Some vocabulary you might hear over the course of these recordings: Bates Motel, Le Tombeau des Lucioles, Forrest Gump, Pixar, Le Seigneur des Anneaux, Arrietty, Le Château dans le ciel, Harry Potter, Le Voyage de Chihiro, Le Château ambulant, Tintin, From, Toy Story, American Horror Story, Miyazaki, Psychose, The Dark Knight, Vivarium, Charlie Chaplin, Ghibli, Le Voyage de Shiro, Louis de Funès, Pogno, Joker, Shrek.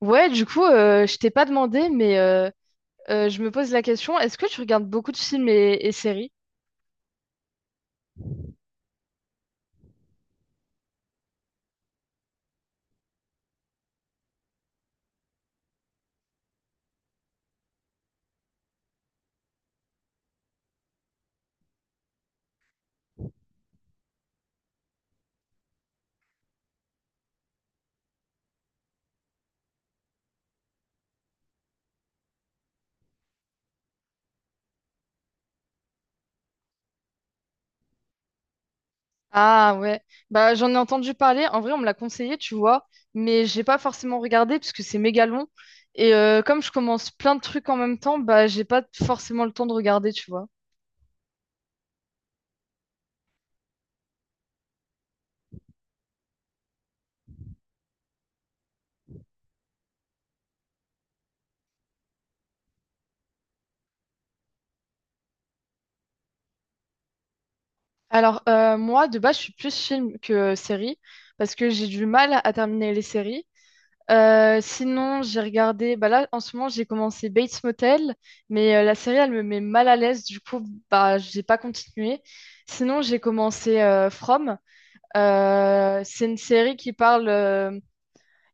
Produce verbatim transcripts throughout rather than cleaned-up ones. Ouais, du coup, euh, je t'ai pas demandé, mais euh, euh, je me pose la question, est-ce que tu regardes beaucoup de films et, et séries? Ah ouais, bah j'en ai entendu parler, en vrai on me l'a conseillé, tu vois, mais j'ai pas forcément regardé parce que c'est méga long. Et euh, comme je commence plein de trucs en même temps, bah j'ai pas forcément le temps de regarder, tu vois. Alors euh, moi, de base, je suis plus film que euh, série, parce que j'ai du mal à terminer les séries. Euh, sinon, j'ai regardé, bah là, en ce moment, j'ai commencé Bates Motel, mais euh, la série, elle me met mal à l'aise, du coup, bah, j'ai pas continué. Sinon, j'ai commencé euh, From. Euh, c'est une série qui parle, euh,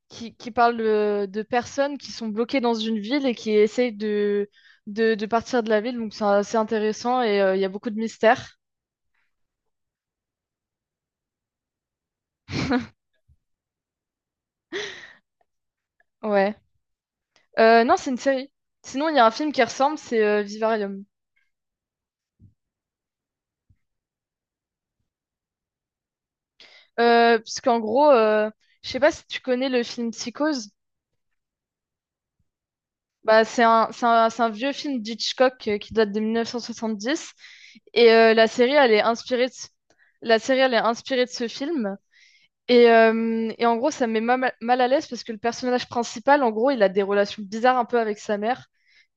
qui, qui parle de, de personnes qui sont bloquées dans une ville et qui essayent de, de, de partir de la ville, donc c'est assez intéressant et euh, il y a beaucoup de mystères. Ouais. Euh, non, c'est une série. Sinon, il y a un film qui ressemble, c'est euh, Vivarium. Euh, parce qu'en gros, euh, je sais pas si tu connais le film Psychose. Bah, c'est un, c'est un, c'est un vieux film d'Hitchcock euh, qui date de mille neuf cent soixante-dix. Et euh, la série, elle est inspirée de… La série, elle est inspirée de ce film. Et, euh, et en gros, ça me met ma- mal à l'aise parce que le personnage principal, en gros, il a des relations bizarres un peu avec sa mère.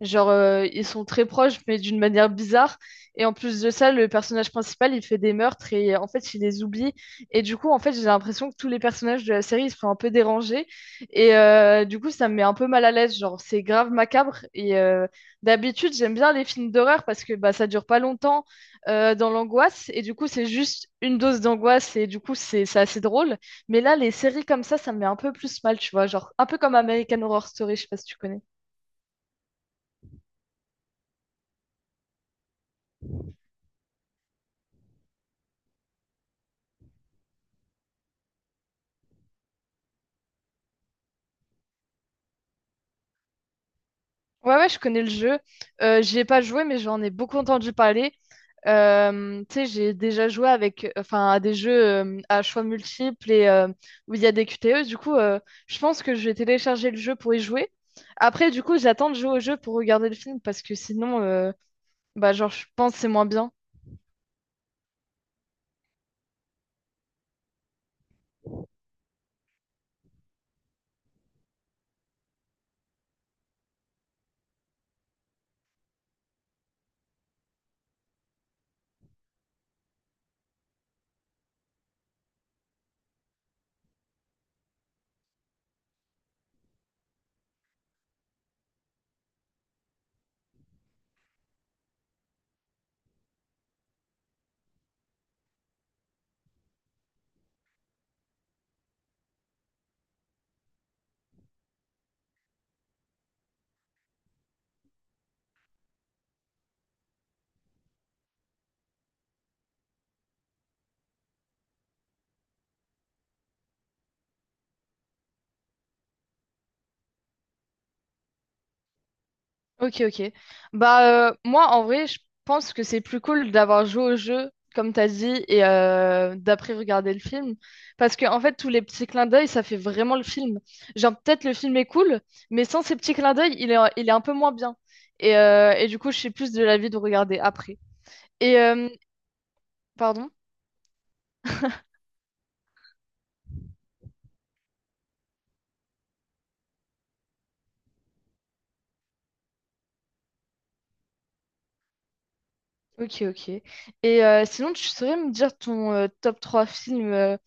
Genre, euh, ils sont très proches, mais d'une manière bizarre. Et en plus de ça, le personnage principal, il fait des meurtres et en fait, il les oublie. Et du coup, en fait, j'ai l'impression que tous les personnages de la série, ils se font un peu déranger. Et euh, du coup, ça me met un peu mal à l'aise. Genre, c'est grave macabre. Et euh, d'habitude, j'aime bien les films d'horreur parce que bah, ça dure pas longtemps euh, dans l'angoisse. Et du coup, c'est juste une dose d'angoisse et du coup, c'est c'est assez drôle. Mais là, les séries comme ça, ça me met un peu plus mal, tu vois. Genre, un peu comme American Horror Story, je sais pas si tu connais. Ouais, ouais, je connais le jeu. Euh, j'y ai pas joué, mais j'en ai beaucoup entendu parler. Euh, tu sais, j'ai déjà joué avec, enfin, à des jeux euh, à choix multiples et euh, où il y a des Q T E. Du coup, euh, je pense que je vais télécharger le jeu pour y jouer. Après, du coup, j'attends de jouer au jeu pour regarder le film parce que sinon, euh, bah, genre, je pense que c'est moins bien. Ok, ok. Bah, euh, moi, en vrai, je pense que c'est plus cool d'avoir joué au jeu, comme t'as dit, et euh, d'après regarder le film. Parce que, en fait, tous les petits clins d'œil, ça fait vraiment le film. Genre, peut-être le film est cool, mais sans ces petits clins d'œil, il est, il est un peu moins bien. Et, euh, et du coup, je suis plus de l'avis de regarder après. Et, euh, Pardon? Ok, ok. Et euh, sinon, tu saurais me dire ton euh, top trois films, euh,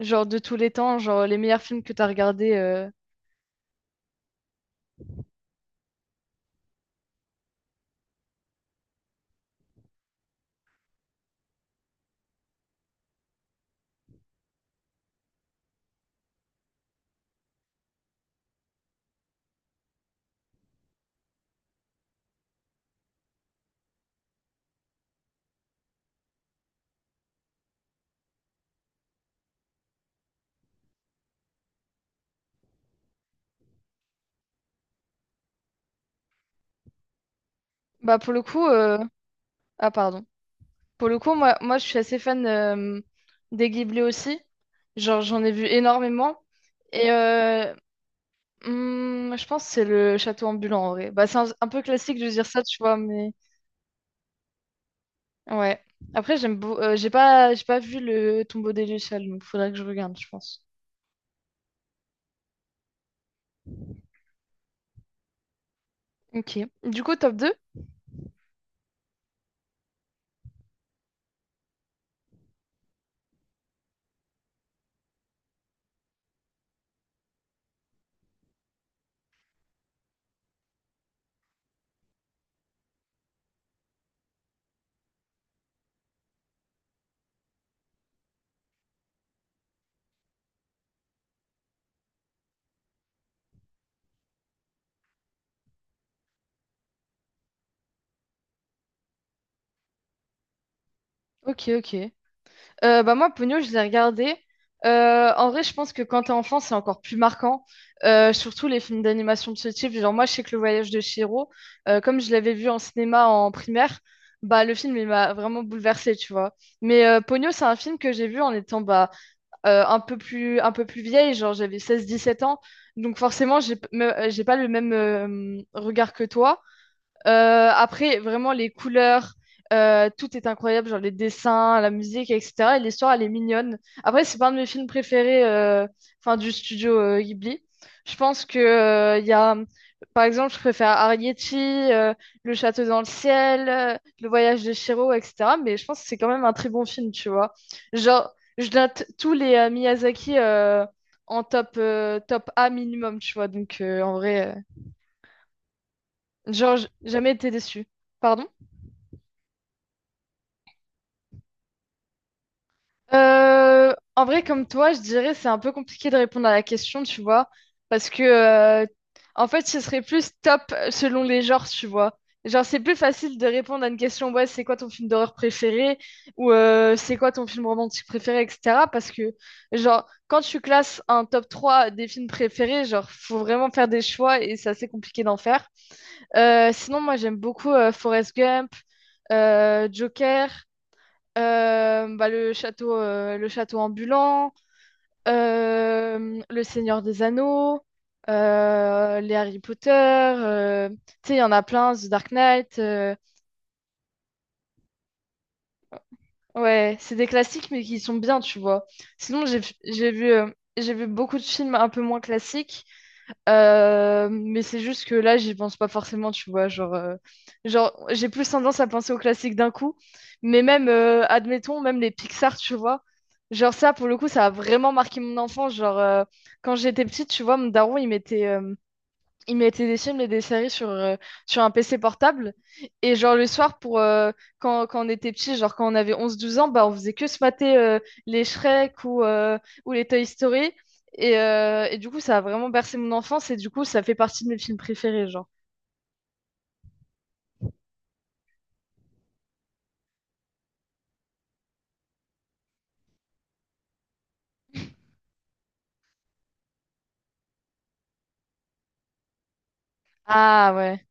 genre de tous les temps, genre les meilleurs films que t'as regardés euh. Bah, pour le coup, euh, ah, Pardon. Pour le coup, moi, moi je suis assez fan euh, des Ghibli aussi. Genre, j'en ai vu énormément. Et euh, hmm, je pense que c'est le château ambulant en vrai. Bah, c'est un, un peu classique de dire ça, tu vois, mais ouais. Après, j'aime beau- euh, j'ai pas, j'ai pas vu le tombeau des Lucioles, donc faudrait que je regarde, je pense. Ok. Du coup, top deux. Ok, ok. Euh, bah moi, Pogno, je l'ai regardé. Euh, en vrai, je pense que quand t'es enfant, c'est encore plus marquant. Euh, surtout les films d'animation de ce type. Genre, moi, je sais que Le Voyage de Chihiro, euh, comme je l'avais vu en cinéma en primaire, bah, le film, il m'a vraiment bouleversée, tu vois. Mais euh, Pogno, c'est un film que j'ai vu en étant bah, euh, un peu plus, un peu plus vieille. Genre, j'avais seize dix-sept ans. Donc, forcément, j'ai p- me- j'ai pas le même euh, regard que toi. Euh, après, vraiment, les couleurs, euh, tout est incroyable, genre les dessins, la musique, et cetera. Et l'histoire, elle est mignonne. Après, c'est pas un de mes films préférés, euh, enfin, du studio euh, Ghibli. Je pense que, euh, il y a, par exemple, je préfère Arrietty, euh, Le Château dans le ciel, euh, Le Voyage de Shiro, et cetera. Mais je pense que c'est quand même un très bon film, tu vois. Genre, je note tous les euh, Miyazaki euh, en top, euh, top A minimum, tu vois. Donc, euh, en vrai, euh, genre, j- jamais été déçu. Pardon? Euh, en vrai, comme toi, je dirais c'est un peu compliqué de répondre à la question, tu vois, parce que euh, en fait, ce serait plus top selon les genres, tu vois. Genre, c'est plus facile de répondre à une question, ouais, c'est quoi ton film d'horreur préféré ou euh, c'est quoi ton film romantique préféré, et cetera. Parce que, genre, quand tu classes un top trois des films préférés, genre, faut vraiment faire des choix et c'est assez compliqué d'en faire. Euh, sinon, moi, j'aime beaucoup euh, Forrest Gump, euh, Joker. Euh, bah, le château, euh, le château ambulant, euh, le Seigneur des Anneaux, euh, les Harry Potter, euh, tu sais, il y en a plein, The Dark Knight. Euh, ouais, c'est des classiques, mais qui sont bien, tu vois. Sinon, j'ai j'ai vu, euh, j'ai vu beaucoup de films un peu moins classiques. Euh, mais c'est juste que là, j'y pense pas forcément, tu vois. Genre, euh, genre j'ai plus tendance à penser aux classiques d'un coup. Mais même, euh, admettons, même les Pixar, tu vois. Genre ça, pour le coup, ça a vraiment marqué mon enfance. Genre, euh, quand j'étais petite, tu vois, mon daron, il mettait… euh, il mettait des films et des séries sur, euh, sur un P C portable. Et genre le soir, pour, euh, quand, quand on était petit, genre quand on avait onze douze ans, bah, on faisait que se mater euh, les Shrek ou, euh, ou les Toy Story. Et, euh, et du coup, ça a vraiment bercé mon enfance et du coup, ça fait partie de mes films préférés, genre. Ah ouais.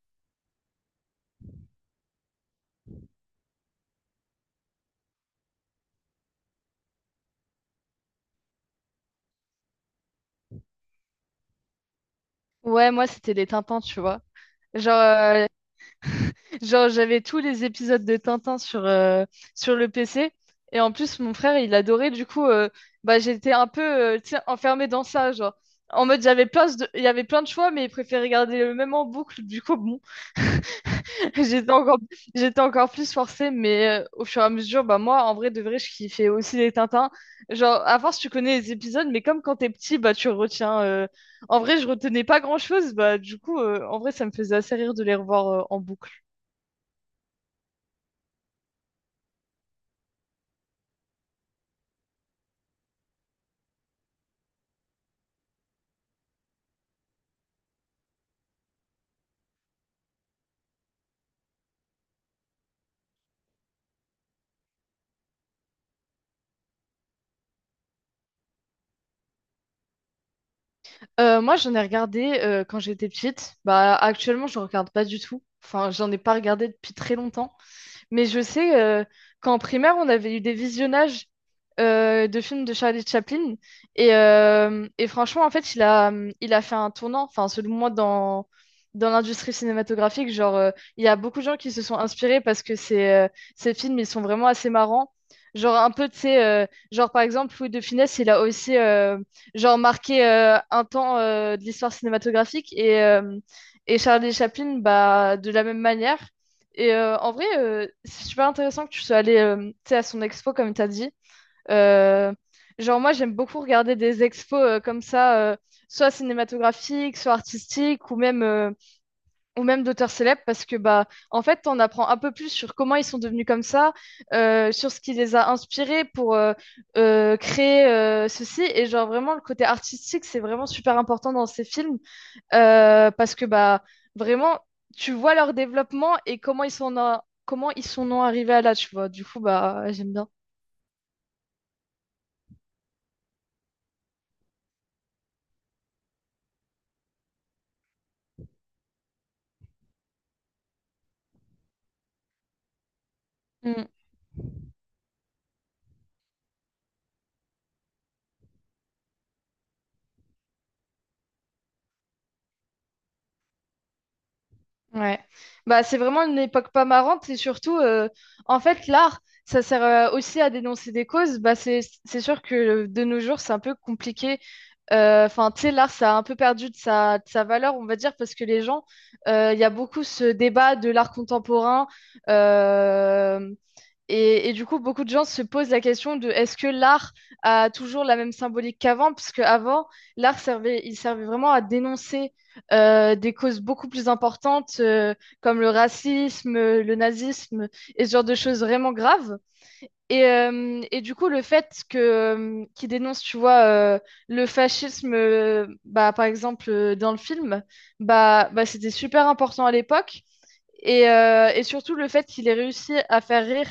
Ouais, moi, c'était les Tintins, tu vois. Genre, euh, Genre, j'avais tous les épisodes de Tintin sur, euh, sur le P C. Et en plus, mon frère, il adorait. Du coup, euh, bah, j'étais un peu euh, tu sais, enfermée dans ça. Genre, en mode, j'avais plein de… il y avait plein de choix, mais il préférait regarder le même en boucle. Du coup, bon, j'étais encore… j'étais encore plus forcée. Mais euh, au fur et à mesure, bah, moi, en vrai, de vrai, je kiffais aussi les Tintins. Genre, à force, tu connais les épisodes, mais comme quand t'es petit, bah, tu retiens. euh, En vrai, je retenais pas grand-chose. Bah, du coup, euh, en vrai, ça me faisait assez rire de les revoir euh, en boucle. Euh, moi, j'en ai regardé euh, quand j'étais petite. Bah, actuellement, je regarde pas du tout. Enfin, j'en ai pas regardé depuis très longtemps. Mais je sais euh, qu'en primaire, on avait eu des visionnages euh, de films de Charlie Chaplin. Et, euh, et franchement, en fait, il a, il a fait un tournant, enfin, selon moi, dans, dans l'industrie cinématographique. Genre, euh, il y a beaucoup de gens qui se sont inspirés parce que ces, euh, ces films, ils sont vraiment assez marrants. Genre, un peu, tu sais, euh, genre, par exemple, Louis de Funès, il a aussi, euh, genre, marqué euh, un temps euh, de l'histoire cinématographique. Et, euh, et Charlie Chaplin, bah, de la même manière. Et euh, en vrai, euh, c'est super intéressant que tu sois allé euh, tu sais, à son expo, comme tu as dit. Euh, genre, moi, j'aime beaucoup regarder des expos euh, comme ça, euh, soit cinématographiques, soit artistiques, ou même, euh, ou même d'auteurs célèbres, parce que, bah, en fait, on apprend un peu plus sur comment ils sont devenus comme ça, euh, sur ce qui les a inspirés pour euh, euh, créer euh, ceci. Et, genre, vraiment, le côté artistique, c'est vraiment super important dans ces films. Euh, parce que bah vraiment tu vois leur développement et comment ils sont en- comment ils sont en arrivés à là tu vois du coup bah j'aime bien. Mm. Ouais bah c'est vraiment une époque pas marrante et surtout euh, en fait l'art ça sert euh, aussi à dénoncer des causes bah c'est c'est sûr que euh, de nos jours c'est un peu compliqué. Euh, Enfin, tu sais, l'art, ça a un peu perdu de sa, de sa valeur, on va dire, parce que les gens, euh, il y a beaucoup ce débat de l'art contemporain. euh, Et, et du coup, beaucoup de gens se posent la question de est-ce que l'art a toujours la même symbolique qu'avant? Parce avant, l'art servait, il servait vraiment à dénoncer euh, des causes beaucoup plus importantes euh, comme le racisme, euh, le nazisme et ce genre de choses vraiment graves. Et, euh, et du coup, le fait que euh, qu'il dénonce, tu vois, euh, le fascisme, euh, bah, par exemple, euh, dans le film, bah, bah, c'était super important à l'époque. Et, euh, et surtout le fait qu'il ait réussi à faire rire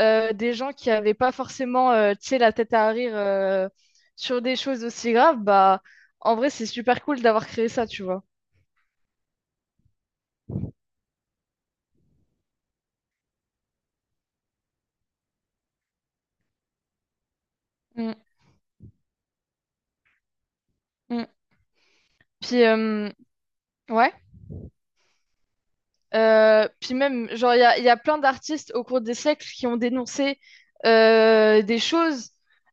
euh, des gens qui n'avaient pas forcément euh, tu sais, la tête à rire euh, sur des choses aussi graves, bah en vrai c'est super cool d'avoir créé ça, tu vois. Mm, mm. Puis euh, Ouais. Euh, puis même, genre, il y a, il y a plein d'artistes au cours des siècles qui ont dénoncé euh, des choses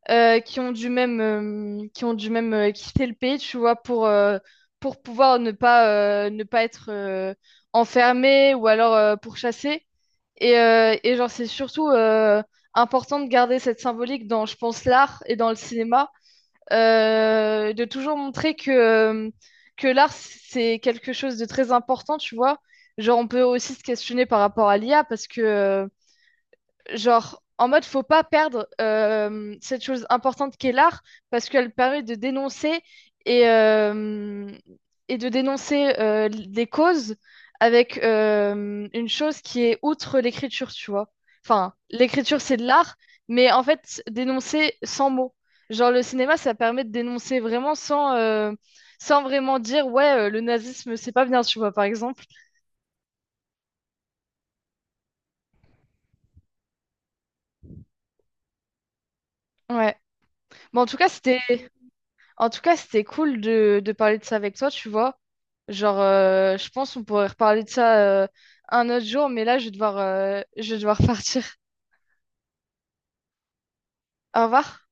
euh, qui ont dû même, euh, qui ont dû même euh, quitter le pays, tu vois, pour, euh, pour pouvoir ne pas, euh, ne pas être euh, enfermé ou alors euh, pourchassé. Et, euh, et genre, c'est surtout euh, important de garder cette symbolique dans, je pense, l'art et dans le cinéma, euh, de toujours montrer que, euh, que l'art, c'est quelque chose de très important, tu vois. Genre, on peut aussi se questionner par rapport à l'I A parce que, euh, genre en mode faut pas perdre euh, cette chose importante qu'est l'art parce qu'elle permet de dénoncer et, euh, et de dénoncer euh, des causes avec euh, une chose qui est outre l'écriture, tu vois. Enfin, l'écriture c'est de l'art, mais en fait dénoncer sans mots. Genre le cinéma ça permet de dénoncer vraiment sans euh, sans vraiment dire ouais euh, le nazisme c'est pas bien, tu vois par exemple. Ouais. Bon en tout cas c'était En tout cas, c'était cool de, de parler de ça avec toi, tu vois. Genre, euh, je pense qu'on pourrait reparler de ça euh, un autre jour, mais là, je vais devoir, euh, je vais devoir partir. Au revoir.